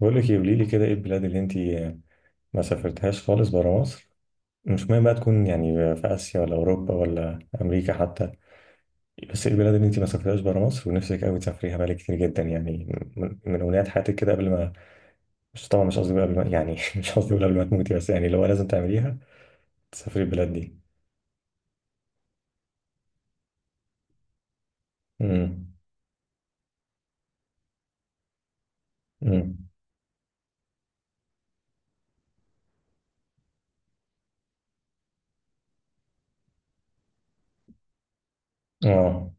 بقول لك ايه، قولي لي كده ايه البلاد اللي انت ما سافرتهاش خالص برا مصر. مش مهم بقى تكون يعني في اسيا ولا اوروبا ولا امريكا حتى، بس ايه البلاد اللي انت ما سافرتهاش برا مصر ونفسك قوي تسافريها بقالك كتير جدا يعني، من امنيات حياتك كده قبل ما، مش قصدي بقى قبل ما يعني مش قصدي أقول قبل ما تموتي، بس يعني لو لازم تعمليها تسافري البلاد دي. امم امم اه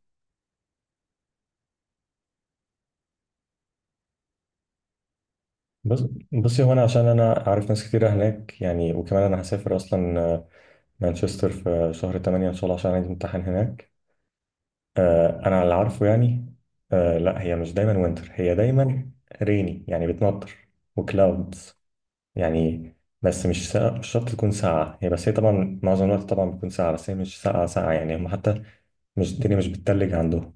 بس بصي، هو انا عشان انا عارف ناس كتير هناك يعني، وكمان انا هسافر اصلا مانشستر في شهر 8 ان شاء الله عشان عندي امتحان هناك. انا اللي عارفه يعني. لا هي مش دايما وينتر، هي دايما ريني يعني بتمطر وكلاودز يعني. بس مش ساقعة، مش شرط تكون ساقعة هي، بس هي طبعا معظم الوقت طبعا بتكون ساقعة، بس هي مش ساقعة ساقعة يعني. هم حتى مش الدنيا مش بتتلج عندهم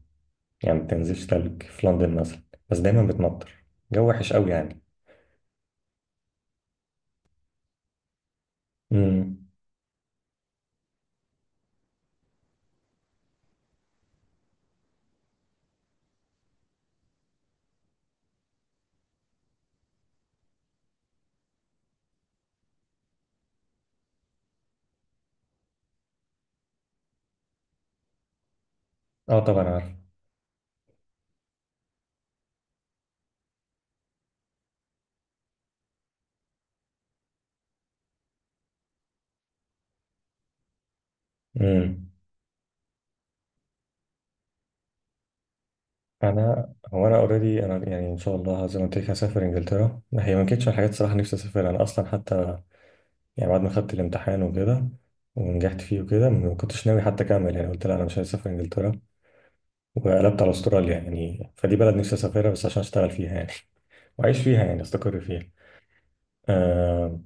يعني، ما بتنزلش تلج في لندن مثلا، بس دايما بتمطر، جو وحش قوي يعني. امم اه طبعا عارف. امم انا هو انا اوريدي انا يعني ان شاء الله زي ما قلت لك هسافر انجلترا، هي ما كانتش من الحاجات الصراحه نفسي اسافر انا اصلا حتى، يعني بعد ما خدت الامتحان وكده ونجحت فيه وكده ما كنتش ناوي حتى اكمل يعني، قلت لا انا مش عايز اسافر انجلترا، وقلبت على استراليا. يعني فدي بلد نفسي اسافرها بس عشان اشتغل فيها يعني واعيش فيها يعني استقر فيها. آه،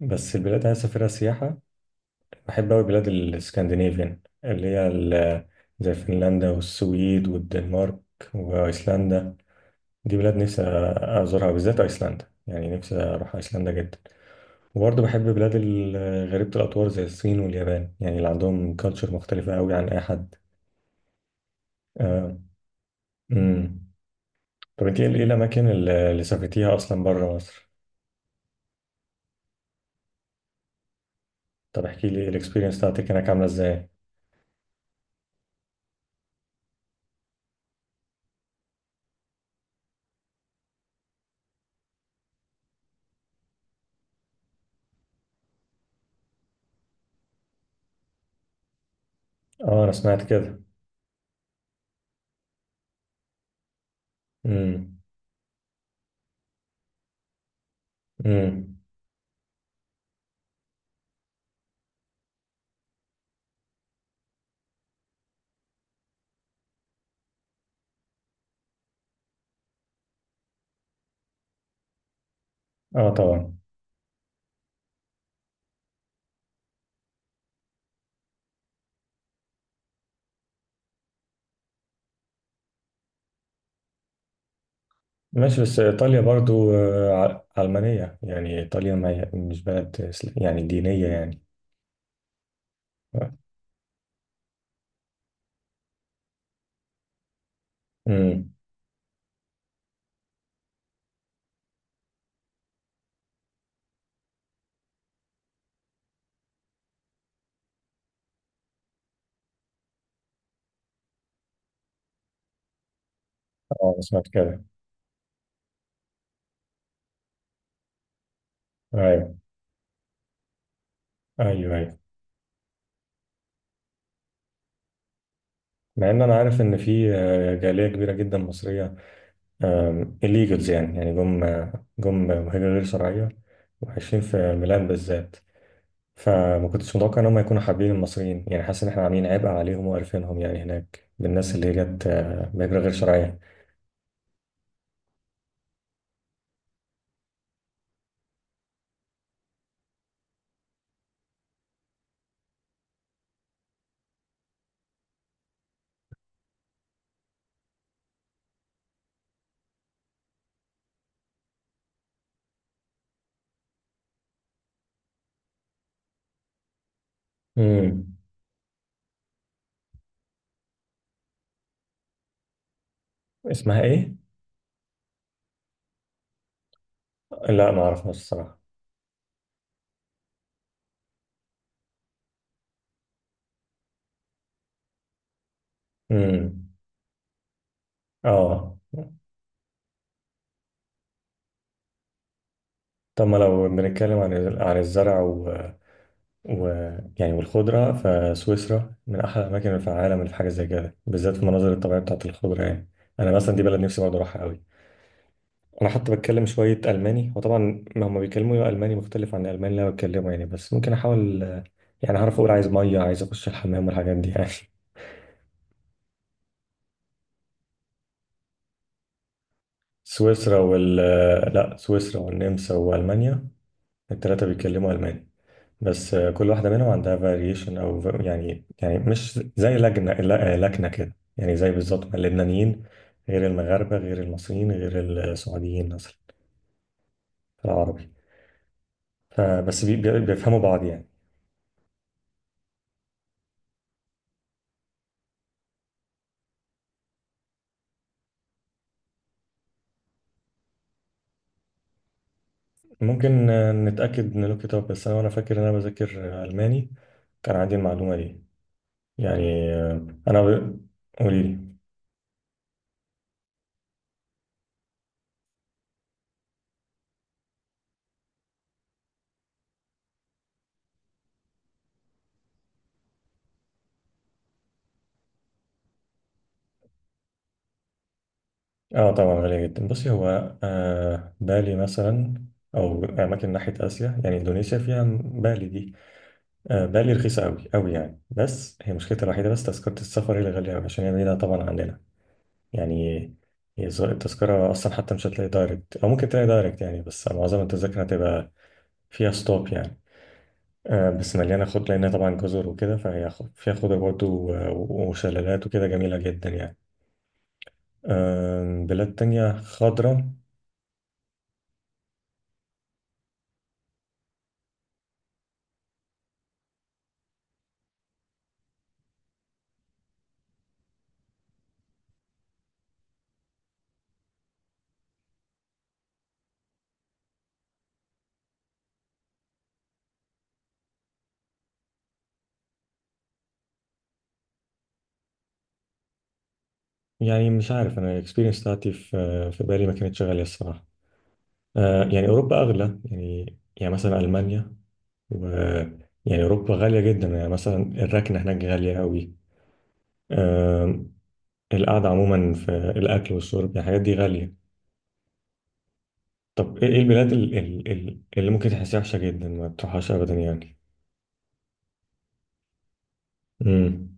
بس البلاد اللي عايز اسافرها سياحه، بحب قوي بلاد الاسكندنافيان اللي هي زي فنلندا والسويد والدنمارك وايسلندا. دي بلاد نفسي ازورها، بالذات ايسلندا، يعني نفسي اروح ايسلندا جدا. وبرضه بحب بلاد غريبة الأطوار زي الصين واليابان، يعني اللي عندهم كالتشر مختلفة أوي عن أي حد. آه. أمم. طب أنت إيه إيه الأماكن اللي سافرتيها أصلا بره مصر؟ طب احكي لي الإكسبيرينس بتاعتك هناك عاملة إزاي؟ أه أنا سمعت كده. أمم. أمم. أه طبعا. ماشي، بس إيطاليا برضه علمانية يعني، إيطاليا ما هي مش بلد يعني دينية يعني. امم اه أنا سمعت كده. ايوه، ايوه، ايوه. مع ان انا عارف ان في جاليه كبيره جدا مصريه، الليجلز يعني، جم مهاجرين غير شرعية وعايشين في ميلان بالذات، فما كنتش متوقع ان هم يكونوا حابين المصريين، يعني حاسس ان احنا عاملين عبء عليهم وقرفينهم يعني هناك، بالناس اللي هي جت مهاجرة غير شرعية. امم. اسمها ايه؟ لا ما اعرفهاش الصراحة. امم. اه. طب ما لو بنتكلم عن عن الزرع و... يعني والخضرة، فسويسرا من أحلى الأماكن في العالم اللي في حاجة زي كده، بالذات في المناظر الطبيعية بتاعت الخضرة يعني. أنا مثلا دي بلد نفسي برضه أروحها أوي، انا حتى بتكلم شويه الماني، وطبعا ما هم بيكلموا الماني مختلف عن الالماني اللي انا بتكلمه يعني، بس ممكن احاول يعني هعرف اقول عايز ميه، عايز اخش الحمام والحاجات دي يعني سويسرا وال آه، لا سويسرا والنمسا والمانيا الثلاثه بيتكلموا الماني، بس كل واحده منهم عندها فاريشن يعني، يعني مش زي لجنه لكنه كده يعني، زي بالظبط ما اللبنانيين غير المغاربه غير المصريين غير السعوديين مثلا في العربي، فبس بيفهموا بعض يعني. ممكن نتأكد من لوك اب، بس أنا وأنا فاكر إن أنا بذاكر ألماني كان عندي المعلومة دي يعني، قولي لي. آه طبعا غالية جدا. بصي، هو آه بالي مثلا، أو أماكن ناحية آسيا يعني إندونيسيا فيها بالي دي. آه بالي رخيصة أوي أوي يعني، بس هي مشكلتها الوحيدة بس تذكرة السفر هي اللي غالية أوي عشان هي بعيدة طبعا عننا يعني. التذكرة أصلا حتى مش هتلاقي دايركت، أو ممكن تلاقي دايركت يعني، بس معظم التذاكر هتبقى فيها ستوب يعني. آه، بس مليانة خضرة لأنها طبعا جزر وكده، فيها خضرة برضه وشلالات وكده، جميلة جدا يعني. آم، بلاد تانية خضرة. يعني مش عارف، أنا الإكسبيرينس بتاعتي في في بالي ما كانتش غالية الصراحة. آه، يعني أوروبا أغلى يعني، يعني مثلا ألمانيا و، يعني أوروبا غالية جدا يعني، مثلا الركنة هناك غالية أوي. آم، القعدة عموما في الأكل والشرب يعني الحاجات دي غالية. طب إيه إيه البلاد اللي ممكن تحسها وحشة جدا ما تروحهاش أبدا يعني؟ مم.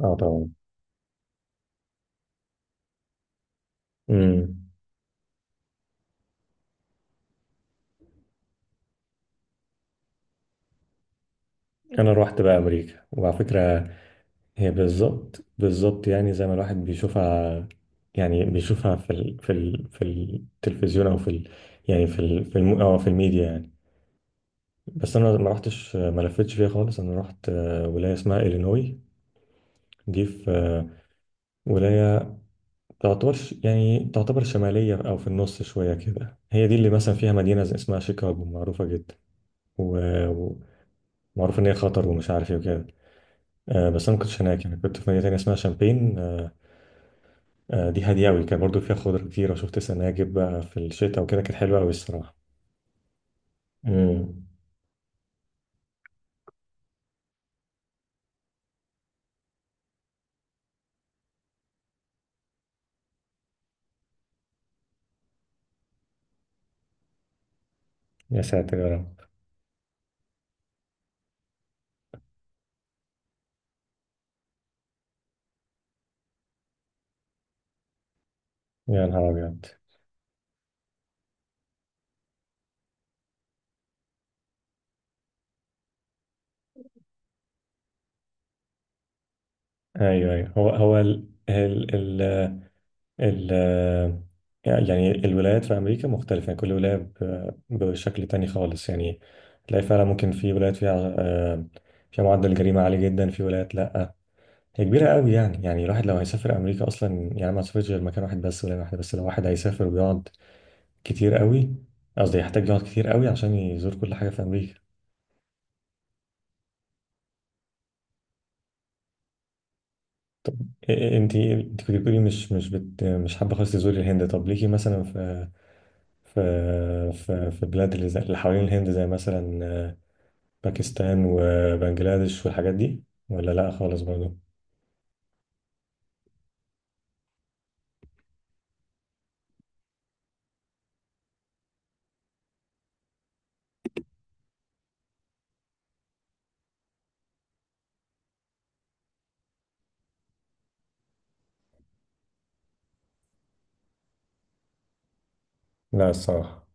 اه طبعا. امم. انا روحت بقى امريكا، وعلى فكره هي بالظبط يعني زي ما الواحد بيشوفها، يعني بيشوفها في ال في ال في التلفزيون او في ال يعني في ال في الم او في الميديا يعني. بس انا ما رحتش، ما لفتش فيها خالص، انا رحت ولايه اسمها الينوي، دي في ولايه تعتبر يعني تعتبر شماليه او في النص شويه كده، هي دي اللي مثلا فيها مدينه اسمها شيكاغو معروفه جدا، و- ومعروف ان هي خطر ومش عارف ايه وكده. آه بس انا ما كنتش هناك يعني، كنت في مدينه تانية اسمها شامبين. دي هاديه قوي، كان برضو فيها خضره كتير، وشفت سناجب بقى في الشتاء وكده، كانت حلوه قوي الصراحه. امم. يا ساتر يا رب. يا نهار ابيض. ايوه، ايوه. هو هو ال ال ال ال يعني الولايات في امريكا مختلفه يعني، كل ولايه بشكل تاني خالص يعني. تلاقي فعلا ممكن في ولايات فيها فيها معدل جريمه عالي جدا، في ولايات لا. هي كبيرة قوي يعني، يعني الواحد لو هيسافر أمريكا أصلا، يعني ما سافرش غير مكان واحد بس ولا واحدة، بس لو واحد هيسافر ويقعد كتير قوي، قصدي يحتاج يقعد كتير قوي عشان يزور كل حاجة في أمريكا. إيه- إيه، أنت أنت كنت بتقولي مش حابة خالص تزوري الهند، طب ليكي مثلا في في في بلاد اللي اللي حوالين الهند زي مثلا باكستان وبنجلاديش والحاجات دي، ولا لأ خالص برضه؟ لا الصراحة.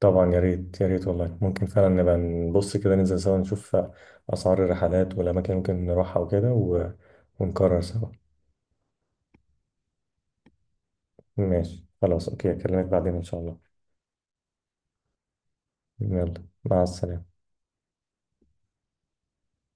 طبعا يا ريت، يا ريت والله، ممكن فعلا نبقى نبص كده، ننزل سوا نشوف أسعار الرحلات والأماكن اللي ممكن نروحها وكده ونقرر سوا. ماشي خلاص أوكي، أكلمك بعدين إن شاء الله. يلا مع السلامة.